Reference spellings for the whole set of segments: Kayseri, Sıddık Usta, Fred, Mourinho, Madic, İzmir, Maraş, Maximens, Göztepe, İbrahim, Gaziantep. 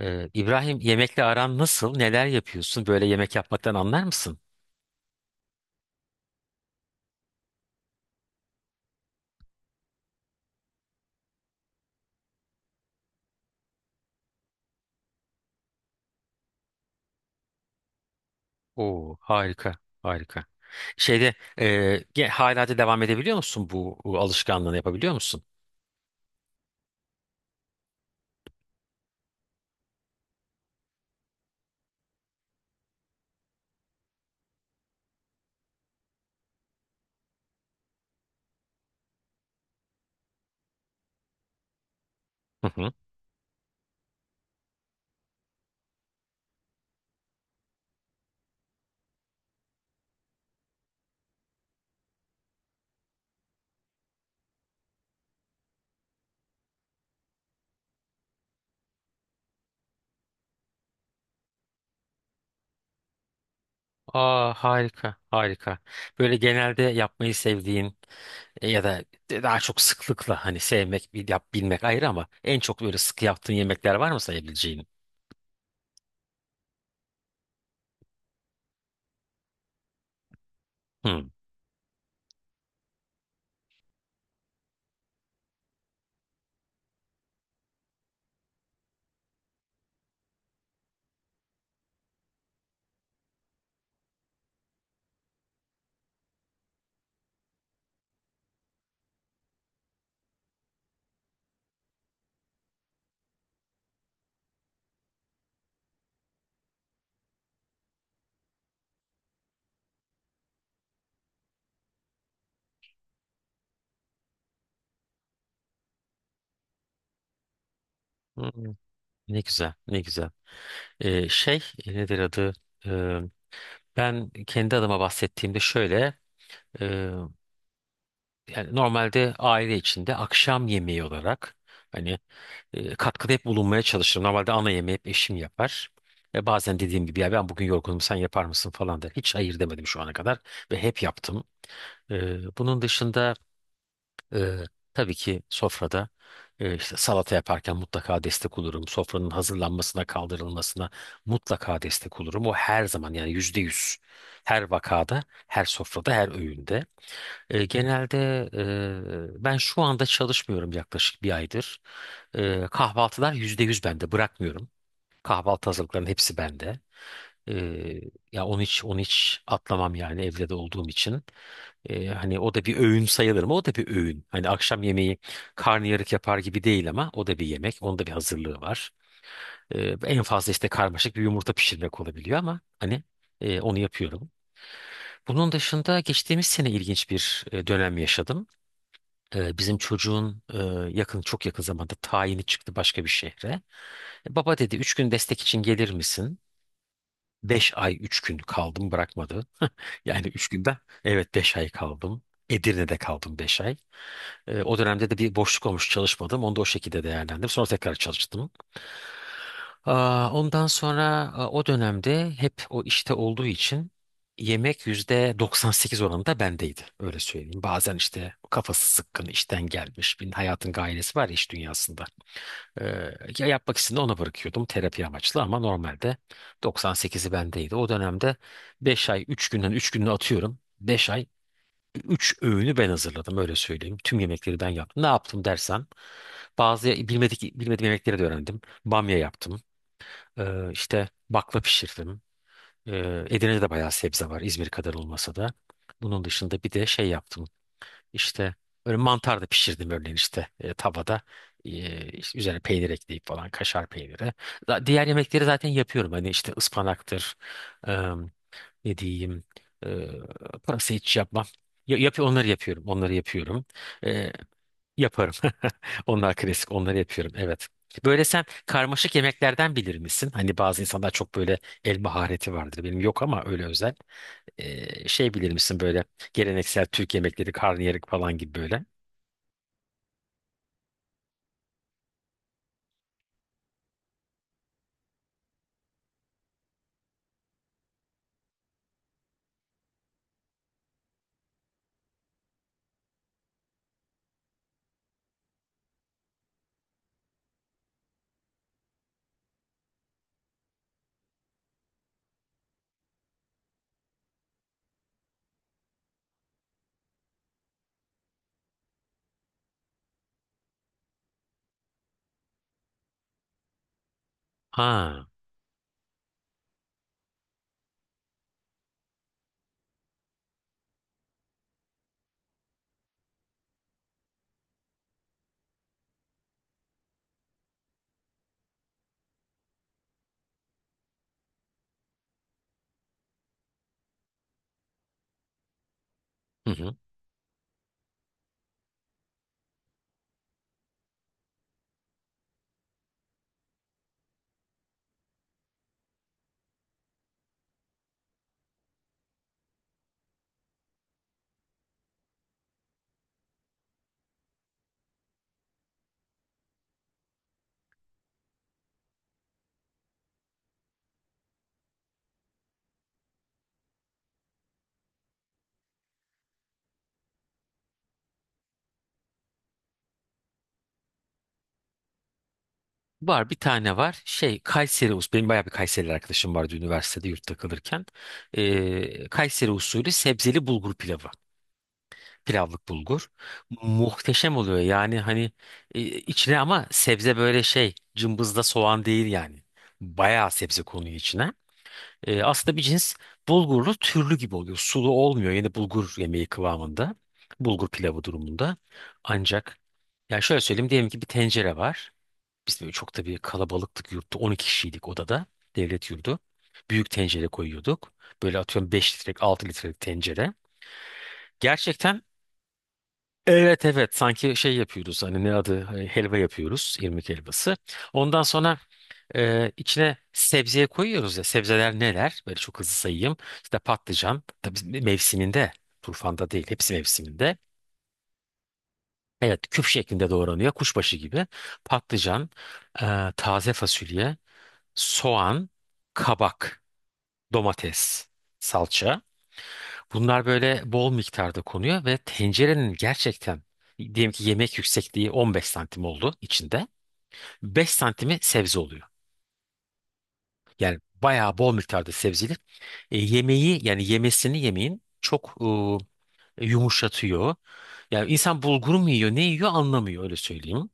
İbrahim yemekle aran nasıl? Neler yapıyorsun? Böyle yemek yapmaktan anlar mısın? Oo, harika, harika. Şeyde hala da devam edebiliyor musun bu alışkanlığını yapabiliyor musun? Hı hı. Aa, harika, harika. Böyle genelde yapmayı sevdiğin ya da daha çok sıklıkla hani sevmek, bilmek ayrı ama en çok böyle sık yaptığın yemekler var mı sayabileceğin? Hı. Hı. Ne güzel, ne güzel. Nedir adı? Ben kendi adıma bahsettiğimde şöyle, e, yani normalde aile içinde akşam yemeği olarak hani katkıda hep bulunmaya çalışırım. Normalde ana yemeği hep eşim yapar. Bazen dediğim gibi ya ben bugün yorgunum sen yapar mısın falan der. Hiç hayır demedim şu ana kadar ve hep yaptım. Bunun dışında ee, tabii ki sofrada işte salata yaparken mutlaka destek olurum. Sofranın hazırlanmasına, kaldırılmasına mutlaka destek olurum. O her zaman yani %100. Her vakada, her sofrada, her öğünde. Genelde ben şu anda çalışmıyorum yaklaşık bir aydır. Kahvaltılar %100 bende bırakmıyorum. Kahvaltı hazırlıklarının hepsi bende. Ee, Ya onu hiç onu hiç atlamam yani evde de olduğum için. Hani o da bir öğün sayılır mı? O da bir öğün. Hani akşam yemeği karnıyarık yapar gibi değil ama o da bir yemek. Onun da bir hazırlığı var. En fazla işte karmaşık bir yumurta pişirmek olabiliyor ama hani onu yapıyorum. Bunun dışında geçtiğimiz sene ilginç bir dönem yaşadım. Bizim çocuğun yakın çok yakın zamanda tayini çıktı başka bir şehre. Baba dedi 3 gün destek için gelir misin? 5 ay 3 gün kaldım bırakmadı. Yani 3 günde, evet, 5 ay kaldım. Edirne'de kaldım 5 ay. O dönemde de bir boşluk olmuş çalışmadım. Onu da o şekilde değerlendirdim. Sonra tekrar çalıştım. Aa, ondan sonra o dönemde hep o işte olduğu için yemek %98 oranında bendeydi. Öyle söyleyeyim. Bazen işte kafası sıkkın işten gelmiş. Bir hayatın gailesi var ya iş dünyasında. Ee, Ya yapmak istediğimde ona bırakıyordum terapi amaçlı ama normalde 98'i bendeydi. O dönemde 5 ay 3 günden 3 gününü atıyorum. 5 ay 3 öğünü ben hazırladım öyle söyleyeyim. Tüm yemekleri ben yaptım. Ne yaptım dersen bazı bilmediğim yemekleri de öğrendim. Bamya yaptım. İşte bakla pişirdim. Edirne'de de bayağı sebze var, İzmir kadar olmasa da. Bunun dışında bir de şey yaptım. İşte öyle mantar da pişirdim örneğin işte tavada. İşte üzerine peynir ekleyip falan, kaşar peyniri. Diğer yemekleri zaten yapıyorum. Hani işte ıspanaktır. e, Ne diyeyim? E, Pırasa hiç yapmam. Ya, yap, onları yapıyorum. Onları yapıyorum. E, Yaparım. Onlar klasik. Onları yapıyorum. Evet. Böyle sen karmaşık yemeklerden bilir misin? Hani bazı insanlar çok böyle el mahareti vardır. Benim yok ama öyle özel. Şey bilir misin böyle geleneksel Türk yemekleri, karnıyarık falan gibi böyle. Ha. Hı hı. Var, bir tane var. Şey, Kayseri usulü. Benim bayağı bir Kayserili arkadaşım vardı üniversitede yurtta kalırken. Kayseri usulü sebzeli bulgur pilavı. Pilavlık bulgur. Muhteşem oluyor. Yani hani içine ama sebze, böyle şey cımbızda soğan değil yani. Bayağı sebze konuyor içine. Aslında bir cins bulgurlu türlü gibi oluyor. Sulu olmuyor. Yine bulgur yemeği kıvamında. Bulgur pilavı durumunda. Ancak ya şöyle söyleyeyim, diyelim ki bir tencere var. Biz böyle çok tabii kalabalıktık yurtta. 12 kişiydik odada. Devlet yurdu. Büyük tencere koyuyorduk. Böyle atıyorum 5 litrelik, 6 litrelik tencere. Gerçekten. Evet, evet, sanki şey yapıyoruz, hani ne adı, helva yapıyoruz, irmik helvası. Ondan sonra içine sebzeye koyuyoruz ya, sebzeler neler böyle çok hızlı sayayım. İşte patlıcan, tabii mevsiminde, turfanda değil hepsi mevsiminde. Evet, küp şeklinde doğranıyor, kuşbaşı gibi. Patlıcan, taze fasulye, soğan, kabak, domates, salça. Bunlar böyle bol miktarda konuyor ve tencerenin gerçekten, diyelim ki yemek yüksekliği 15 santim oldu içinde. 5 santimi sebze oluyor. Yani bayağı bol miktarda sebzeli. Yemeği yani yemesini, yemeğin çok yumuşatıyor. Yani insan bulgur mu yiyor ne yiyor anlamıyor, öyle söyleyeyim.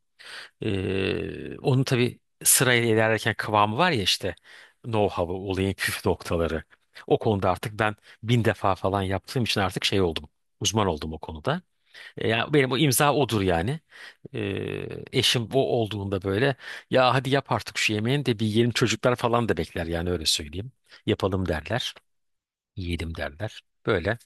Onun tabii sırayla ilerlerken kıvamı var ya, işte know-how'ı, olayın püf noktaları. O konuda artık ben bin defa falan yaptığım için artık şey oldum. Uzman oldum o konuda. Yani benim o imza odur yani. E, Eşim o olduğunda böyle, ya hadi yap artık şu yemeğini de bir yiyelim, çocuklar falan da bekler yani, öyle söyleyeyim. Yapalım derler. Yiyelim derler. Böyle.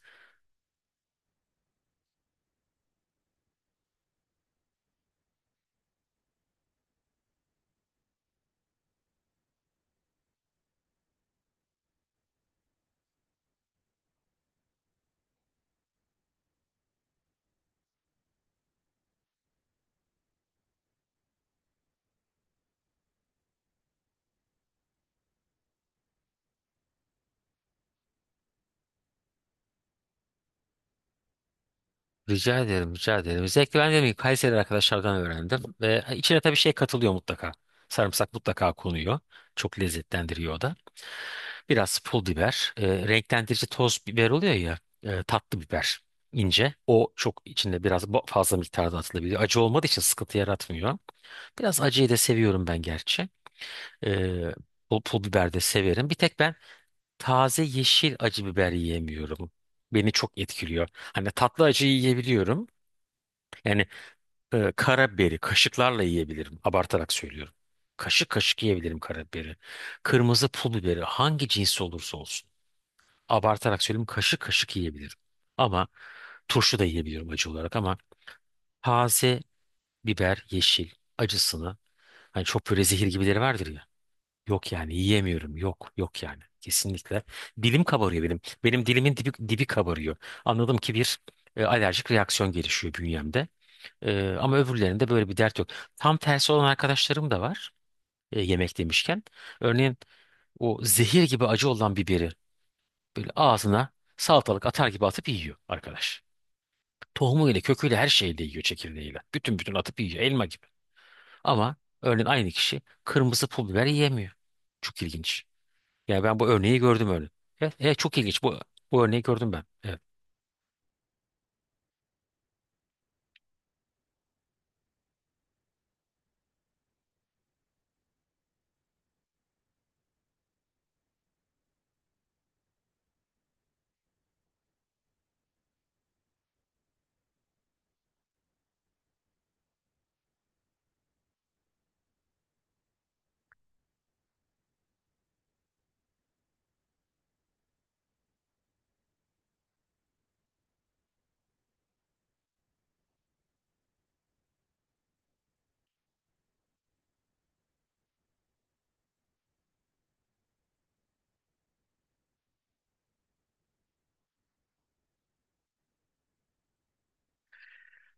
Rica ederim, rica ederim. Özellikle ben dedim ki Kayseri arkadaşlardan öğrendim. Ve içine tabii şey katılıyor mutlaka. Sarımsak mutlaka konuyor. Çok lezzetlendiriyor o da. Biraz pul biber. Renklendirici toz biber oluyor ya. Tatlı biber, ince. O çok içinde biraz fazla miktarda atılabiliyor. Acı olmadığı için sıkıntı yaratmıyor. Biraz acıyı da seviyorum ben gerçi. Ee, pul biber de severim. Bir tek ben taze yeşil acı biber yiyemiyorum. Beni çok etkiliyor. Hani tatlı acıyı yiyebiliyorum. Yani karabiberi kaşıklarla yiyebilirim. Abartarak söylüyorum. Kaşık kaşık yiyebilirim karabiberi. Kırmızı pul biberi hangi cinsi olursa olsun. Abartarak söyleyeyim, kaşık kaşık yiyebilirim. Ama turşu da yiyebiliyorum acı olarak, ama taze biber, yeşil acısını, hani çok böyle zehir gibileri vardır ya. Yok yani yiyemiyorum. Yok yok yani. Kesinlikle. Dilim kabarıyor benim. Benim dilimin dibi, dibi kabarıyor. Anladım ki bir alerjik reaksiyon gelişiyor bünyemde. Ama öbürlerinde böyle bir dert yok. Tam tersi olan arkadaşlarım da var. Yemek demişken. Örneğin o zehir gibi acı olan biberi böyle ağzına salatalık atar gibi atıp yiyor arkadaş. Tohumuyla, köküyle, her şeyle yiyor, çekirdeğiyle. Bütün bütün atıp yiyor, elma gibi. Ama örneğin aynı kişi kırmızı pul biber yiyemiyor. Çok ilginç. Ya ben bu örneği gördüm öyle. Evet, evet, çok ilginç. Bu örneği gördüm ben. Evet.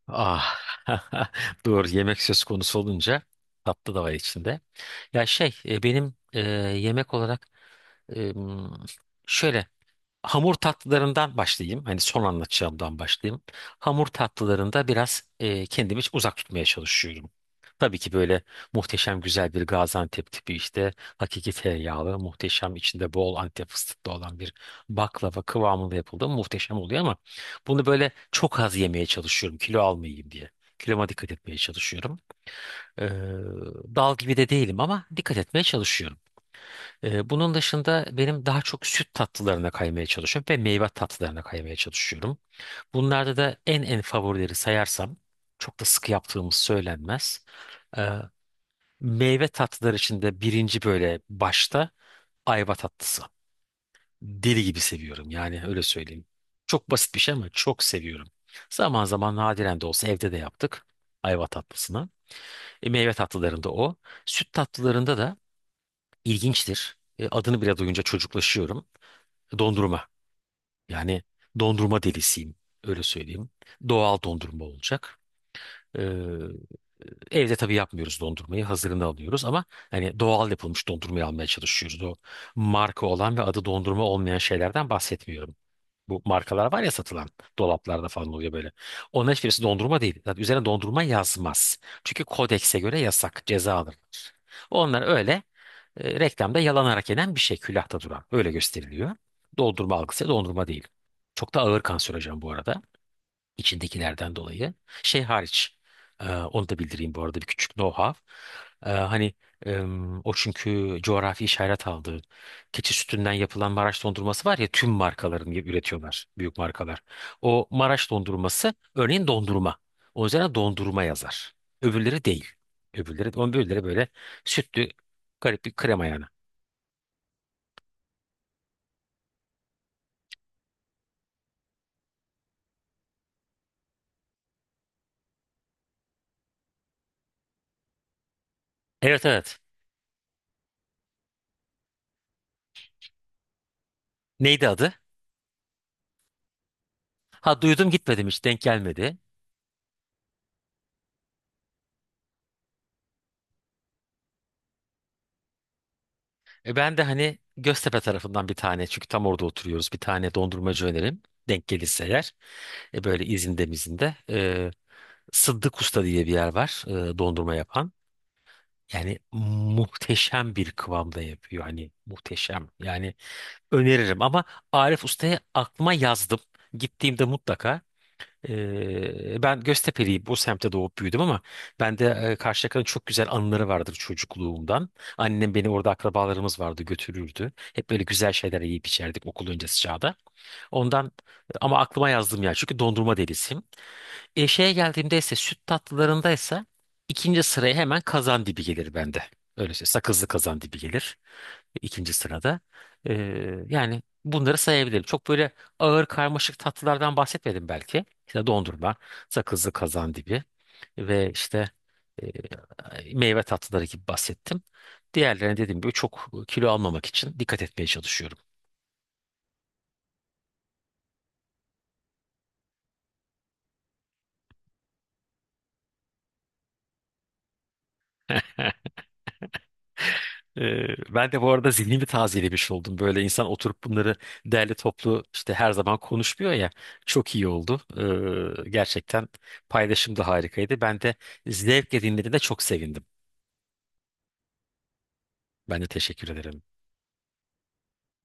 Ah. Doğru. Yemek söz konusu olunca tatlı da var içinde. Ya şey benim yemek olarak e, m, şöyle hamur tatlılarından başlayayım. Hani son anlatacağımdan başlayayım. Hamur tatlılarında biraz kendimi uzak tutmaya çalışıyorum. Tabii ki böyle muhteşem güzel bir Gaziantep tipi işte hakiki tereyağlı, muhteşem içinde bol Antep fıstıklı olan bir baklava kıvamında yapıldığı muhteşem oluyor ama bunu böyle çok az yemeye çalışıyorum, kilo almayayım diye. Kiloma dikkat etmeye çalışıyorum. Ee, Dal gibi de değilim ama dikkat etmeye çalışıyorum. Bunun dışında benim daha çok süt tatlılarına kaymaya çalışıyorum ve meyve tatlılarına kaymaya çalışıyorum. Bunlarda da en favorileri sayarsam, çok da sık yaptığımız söylenmez. Ee, Meyve tatlıları içinde birinci, böyle başta, ayva tatlısı. Deli gibi seviyorum yani, öyle söyleyeyim. Çok basit bir şey ama çok seviyorum. Zaman zaman, nadiren de olsa, evde de yaptık ayva tatlısını. Meyve tatlılarında o. Süt tatlılarında da ilginçtir. Adını bile duyunca çocuklaşıyorum. Dondurma. Yani dondurma delisiyim. Öyle söyleyeyim. Doğal dondurma olacak. Ee, Evde tabii yapmıyoruz dondurmayı. Hazırını alıyoruz ama hani doğal yapılmış dondurmayı almaya çalışıyoruz. O marka olan ve adı dondurma olmayan şeylerden bahsetmiyorum. Bu markalar var ya satılan, dolaplarda falan oluyor böyle. Onların hiçbirisi dondurma değil. Zaten üzerine dondurma yazmaz. Çünkü kodekse göre yasak, ceza alır. Onlar öyle reklamda yalanarak yenen bir şey külahta duran. Öyle gösteriliyor. Dondurma algısı dondurma değil. Çok da ağır kanserojen bu arada, içindekilerden dolayı. Şey hariç. Onu da bildireyim bu arada, bir küçük know-how. E, hani O, çünkü coğrafi işaret aldığı keçi sütünden yapılan Maraş dondurması var ya, tüm markaların üretiyorlar. Büyük markalar. O Maraş dondurması örneğin dondurma. O üzerine dondurma yazar. Öbürleri değil. Öbürleri, öbürleri böyle sütlü, garip bir krema yani. Evet, evet. Neydi adı? Ha, duydum, gitmedim, hiç denk gelmedi. Ben de hani Göztepe tarafından bir tane, çünkü tam orada oturuyoruz, bir tane dondurmacı önerim. Denk gelirse eğer böyle izinde mizinde. Sıddık Usta diye bir yer var dondurma yapan. Yani muhteşem bir kıvamda yapıyor hani, muhteşem. Yani öneririm. Ama Arif Usta'ya aklıma yazdım. Gittiğimde mutlaka. Ben Göztepe'liyim. Bu semtte doğup büyüdüm ama bende Karşıyaka'nın çok güzel anıları vardır çocukluğumdan. Annem beni orada, akrabalarımız vardı, götürürdü. Hep böyle güzel şeyler yiyip içerdik okul öncesi çağda. Ondan. Ama aklıma yazdım ya, çünkü dondurma delisiyim. Şeye geldiğimde ise, süt tatlılarındaysa, ikinci sıraya hemen kazandibi gelir bende. Öyle şey sakızlı kazandibi gelir ikinci sırada. Ee, Yani bunları sayabilirim. Çok böyle ağır karmaşık tatlılardan bahsetmedim belki. İşte dondurma, sakızlı kazandibi ve işte meyve tatlıları gibi bahsettim. Diğerlerine dediğim gibi çok kilo almamak için dikkat etmeye çalışıyorum. Ee, Ben de bu arada zihnimi tazelemiş oldum. Böyle insan oturup bunları derli toplu işte her zaman konuşmuyor ya. Çok iyi oldu. Gerçekten paylaşım da harikaydı. Ben de zevkle dinlediğinde çok sevindim. Ben de teşekkür ederim.